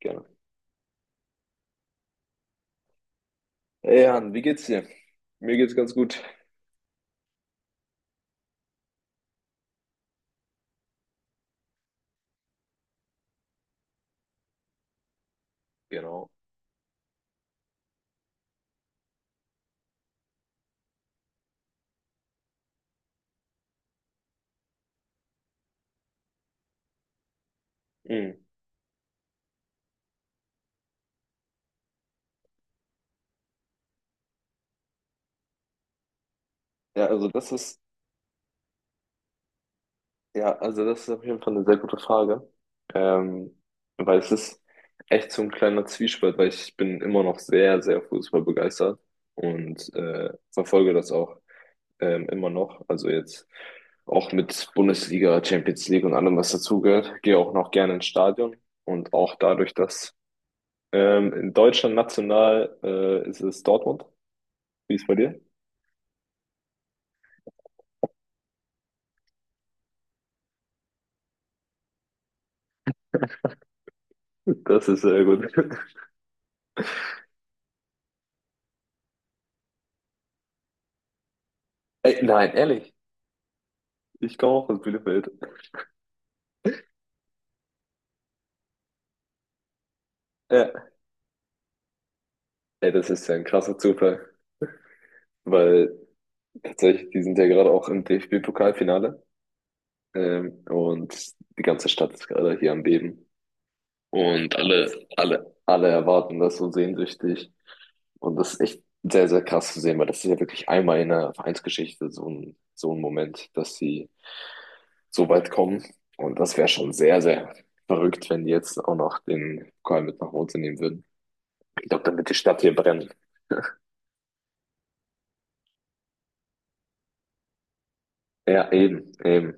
Gerne. Hey Jan, wie geht's dir? Mir geht's ganz gut. Genau. Hm. Ja, also das ist, ja, also das ist auf jeden Fall eine sehr gute Frage. Ähm, weil es ist echt so ein kleiner Zwiespalt, weil ich bin immer noch sehr, sehr Fußball begeistert und verfolge das auch immer noch. Also jetzt auch mit Bundesliga, Champions League und allem, was dazugehört. Gehe auch noch gerne ins Stadion und auch dadurch, dass in Deutschland national ist es Dortmund. Wie ist es bei dir? Das ist sehr gut. Ey, nein, ehrlich, ich komme auch aus Bielefeld. Ja. Ey, das ist ja ein krasser Zufall, weil tatsächlich, die sind ja gerade auch im DFB-Pokalfinale, und die ganze Stadt ist gerade hier am Beben. Und alle erwarten das so sehnsüchtig. Und das ist echt sehr, sehr krass zu sehen, weil das ist ja wirklich einmal in der Vereinsgeschichte so ein Moment, dass sie so weit kommen. Und das wäre schon sehr, sehr verrückt, wenn die jetzt auch noch den Pokal mit nach Hause nehmen würden. Ich glaube, dann wird die Stadt hier brennen. Ja, eben, eben.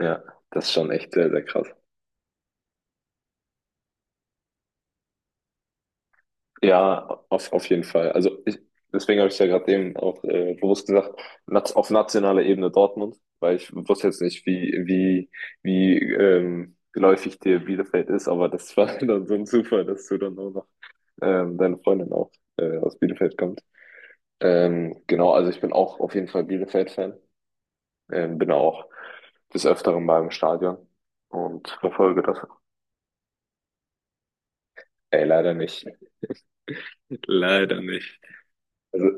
Ja, das ist schon echt sehr, sehr krass. Ja, auf jeden Fall. Deswegen habe ich ja gerade eben auch bewusst gesagt, nat auf nationaler Ebene Dortmund, weil ich wusste jetzt nicht, wie geläufig dir Bielefeld ist, aber das war dann so ein Zufall, dass du dann auch noch deine Freundin auch aus Bielefeld kommt. Genau, also ich bin auch auf jeden Fall Bielefeld-Fan, bin auch des Öfteren mal im Stadion und verfolge das. Ey, leider nicht. Leider nicht. Also,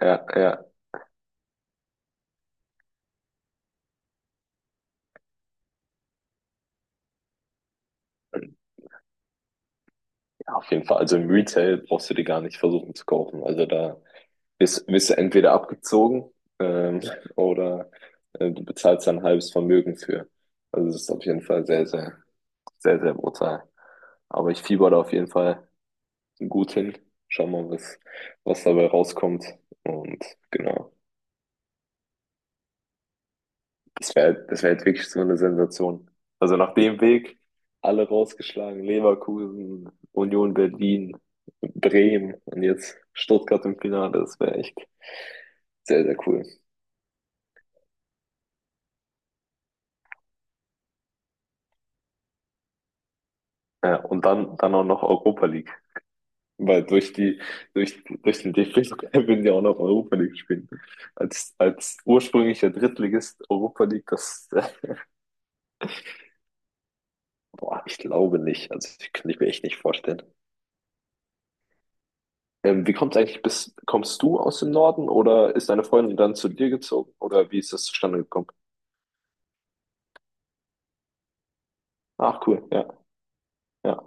ja, ja. Ja, auf jeden Fall. Also im Retail brauchst du die gar nicht versuchen zu kaufen. Also da bist du entweder abgezogen ähm, oder du bezahlst da ein halbes Vermögen für. Also es ist auf jeden Fall sehr, sehr brutal. Aber ich fieber da auf jeden Fall gut hin. Schau mal, was dabei rauskommt. Und genau. Das wär jetzt wirklich so eine Sensation. Also nach dem Weg alle rausgeschlagen, Leverkusen, Union Berlin, Bremen und jetzt Stuttgart im Finale. Das wäre echt sehr, sehr cool. Ja, und dann auch noch Europa League. Weil durch den DFB-Pokal würden die auch noch Europa League spielen. Als ursprünglicher Drittligist Europa League, das, boah, ich glaube nicht. Also, ich kann ich mir echt nicht vorstellen. Wie kommt's eigentlich bis, kommst du aus dem Norden oder ist deine Freundin dann zu dir gezogen oder wie ist das zustande gekommen? Ach cool, ja, ja.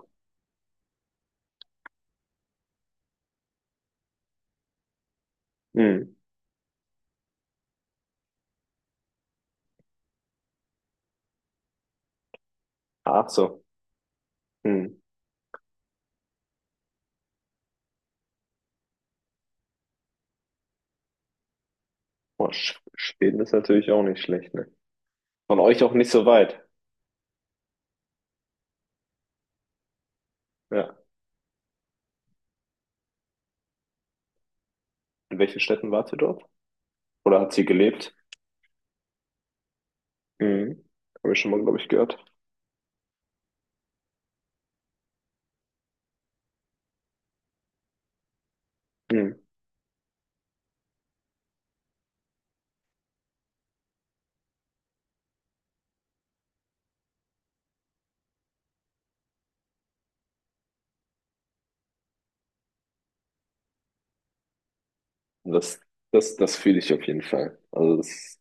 Hm. Ach so. Hm. Boah, Sch- Schweden ist natürlich auch nicht schlecht, ne? Von euch auch nicht so weit. Ja. In welchen Städten wart ihr dort? Oder hat sie gelebt? Hm. Habe ich schon mal, glaube ich, gehört. Hm. Und Das, Das fühle ich auf jeden Fall. Also das,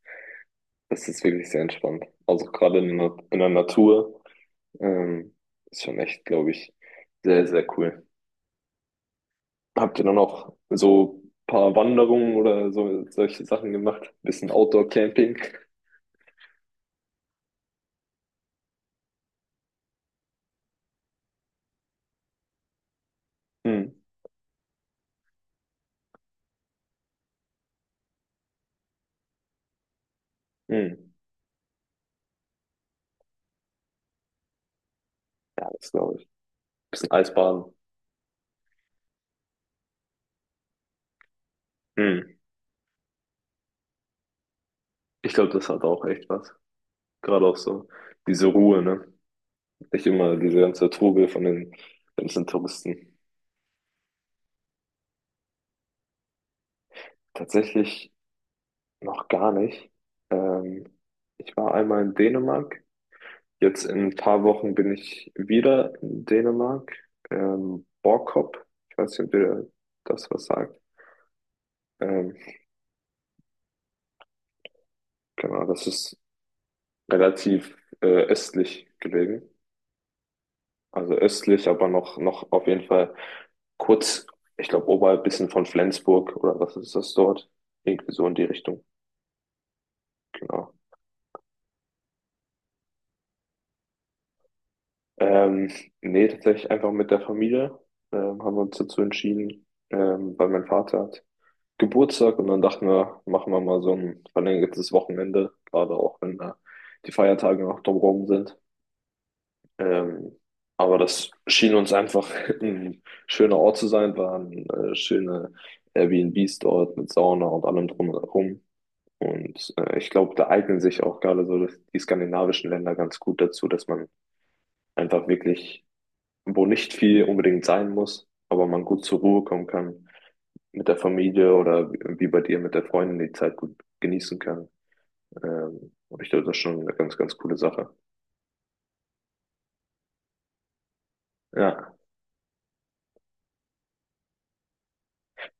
das ist wirklich sehr entspannt. Also gerade in der Natur ähm, ist schon echt, glaube ich, sehr, sehr cool. Habt ihr dann auch so ein paar Wanderungen oder so solche Sachen gemacht? Bisschen Outdoor-Camping? Hm, hm. Ja, das glaube ich. Bisschen Eisbaden. Hm. Ich glaube, das hat auch echt was. Gerade auch so diese Ruhe, ne? Nicht immer diese ganze Trubel von den ganzen Touristen. Tatsächlich noch gar nicht. Ähm, ich war einmal in Dänemark. Jetzt in ein paar Wochen bin ich wieder in Dänemark. Borkop. Ich weiß nicht, ob ihr das was sagt. Ähm, Genau, das ist relativ östlich gelegen. Also östlich, aber noch auf jeden Fall kurz, ich glaube, oberhalb bisschen von Flensburg oder was ist das dort? Irgendwie so in die Richtung, genau. Ähm, nee, tatsächlich einfach mit der Familie haben wir uns dazu entschieden, weil mein Vater hat Geburtstag und dann dachten wir, machen wir mal so ein verlängertes Wochenende, gerade auch wenn da die Feiertage noch drumherum sind. Ähm, aber das schien uns einfach ein schöner Ort zu sein, waren schöne Airbnbs dort mit Sauna und allem drum und herum. Und ich glaube, da eignen sich auch gerade die skandinavischen Länder ganz gut dazu, dass man einfach wirklich, wo nicht viel unbedingt sein muss, aber man gut zur Ruhe kommen kann, mit der Familie oder wie bei dir mit der Freundin die Zeit gut genießen kann. Und ich glaube, das ist schon eine ganz, ganz coole Sache. Ja.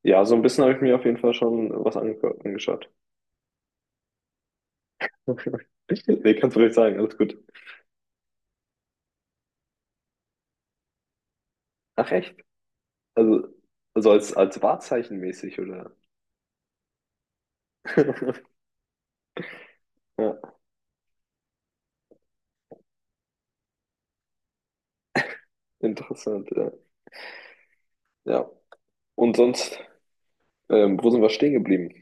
Ja, so ein bisschen habe ich mir auf jeden Fall schon was ange angeschaut. Nee, kannst du ruhig sagen, alles gut. Ach echt? Also, als Wahrzeichen mäßig, oder? Ja, interessant, ja. Ja. Und sonst, wo sind wir stehen geblieben?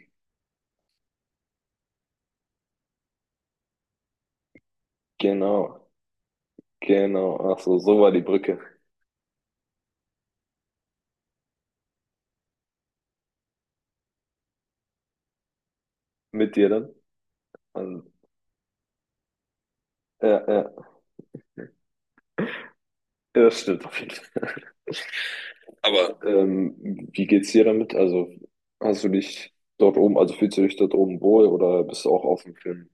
Genau, genau. Ach so, so war die Brücke. Mit dir dann? Also, ja, das stimmt auf jeden Fall. Aber wie geht's dir damit? Also, hast du dich dort oben, also fühlst du dich dort oben wohl oder bist du auch offen für,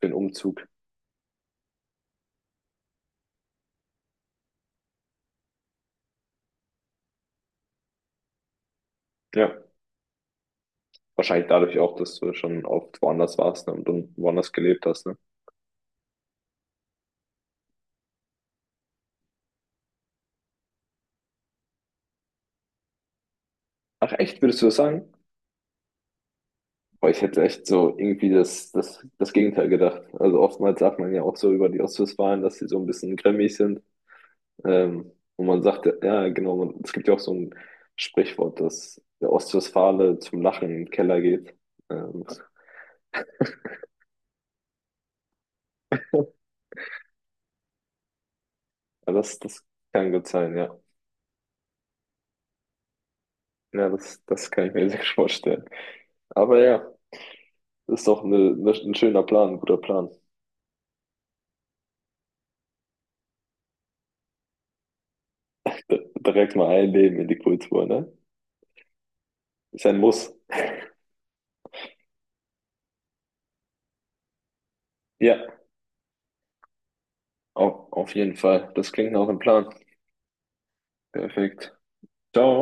für den Umzug? Ja. Wahrscheinlich dadurch auch, dass du schon oft woanders warst, ne, und dann woanders gelebt hast, ne? Ach echt, würdest du das sagen? Boah, ich hätte echt so irgendwie das Gegenteil gedacht. Also oftmals sagt man ja auch so über die Ostwestfalen, dass sie so ein bisschen grimmig sind. Ähm, und man sagt, ja, ja, genau, man, es gibt ja auch so ein Sprichwort, dass der Ostwestfale zum Lachen in den Keller geht. Ähm, ja, das, das kann gut sein, ja. Ja, das, das kann ich mir sehr gut vorstellen. Aber ja, ist doch ein schöner Plan, ein guter Plan. D- Direkt mal einleben in die Kultur, ne? Ist ein Muss. Ja, auf jeden Fall. Das klingt nach einem Plan. Perfekt. Ciao.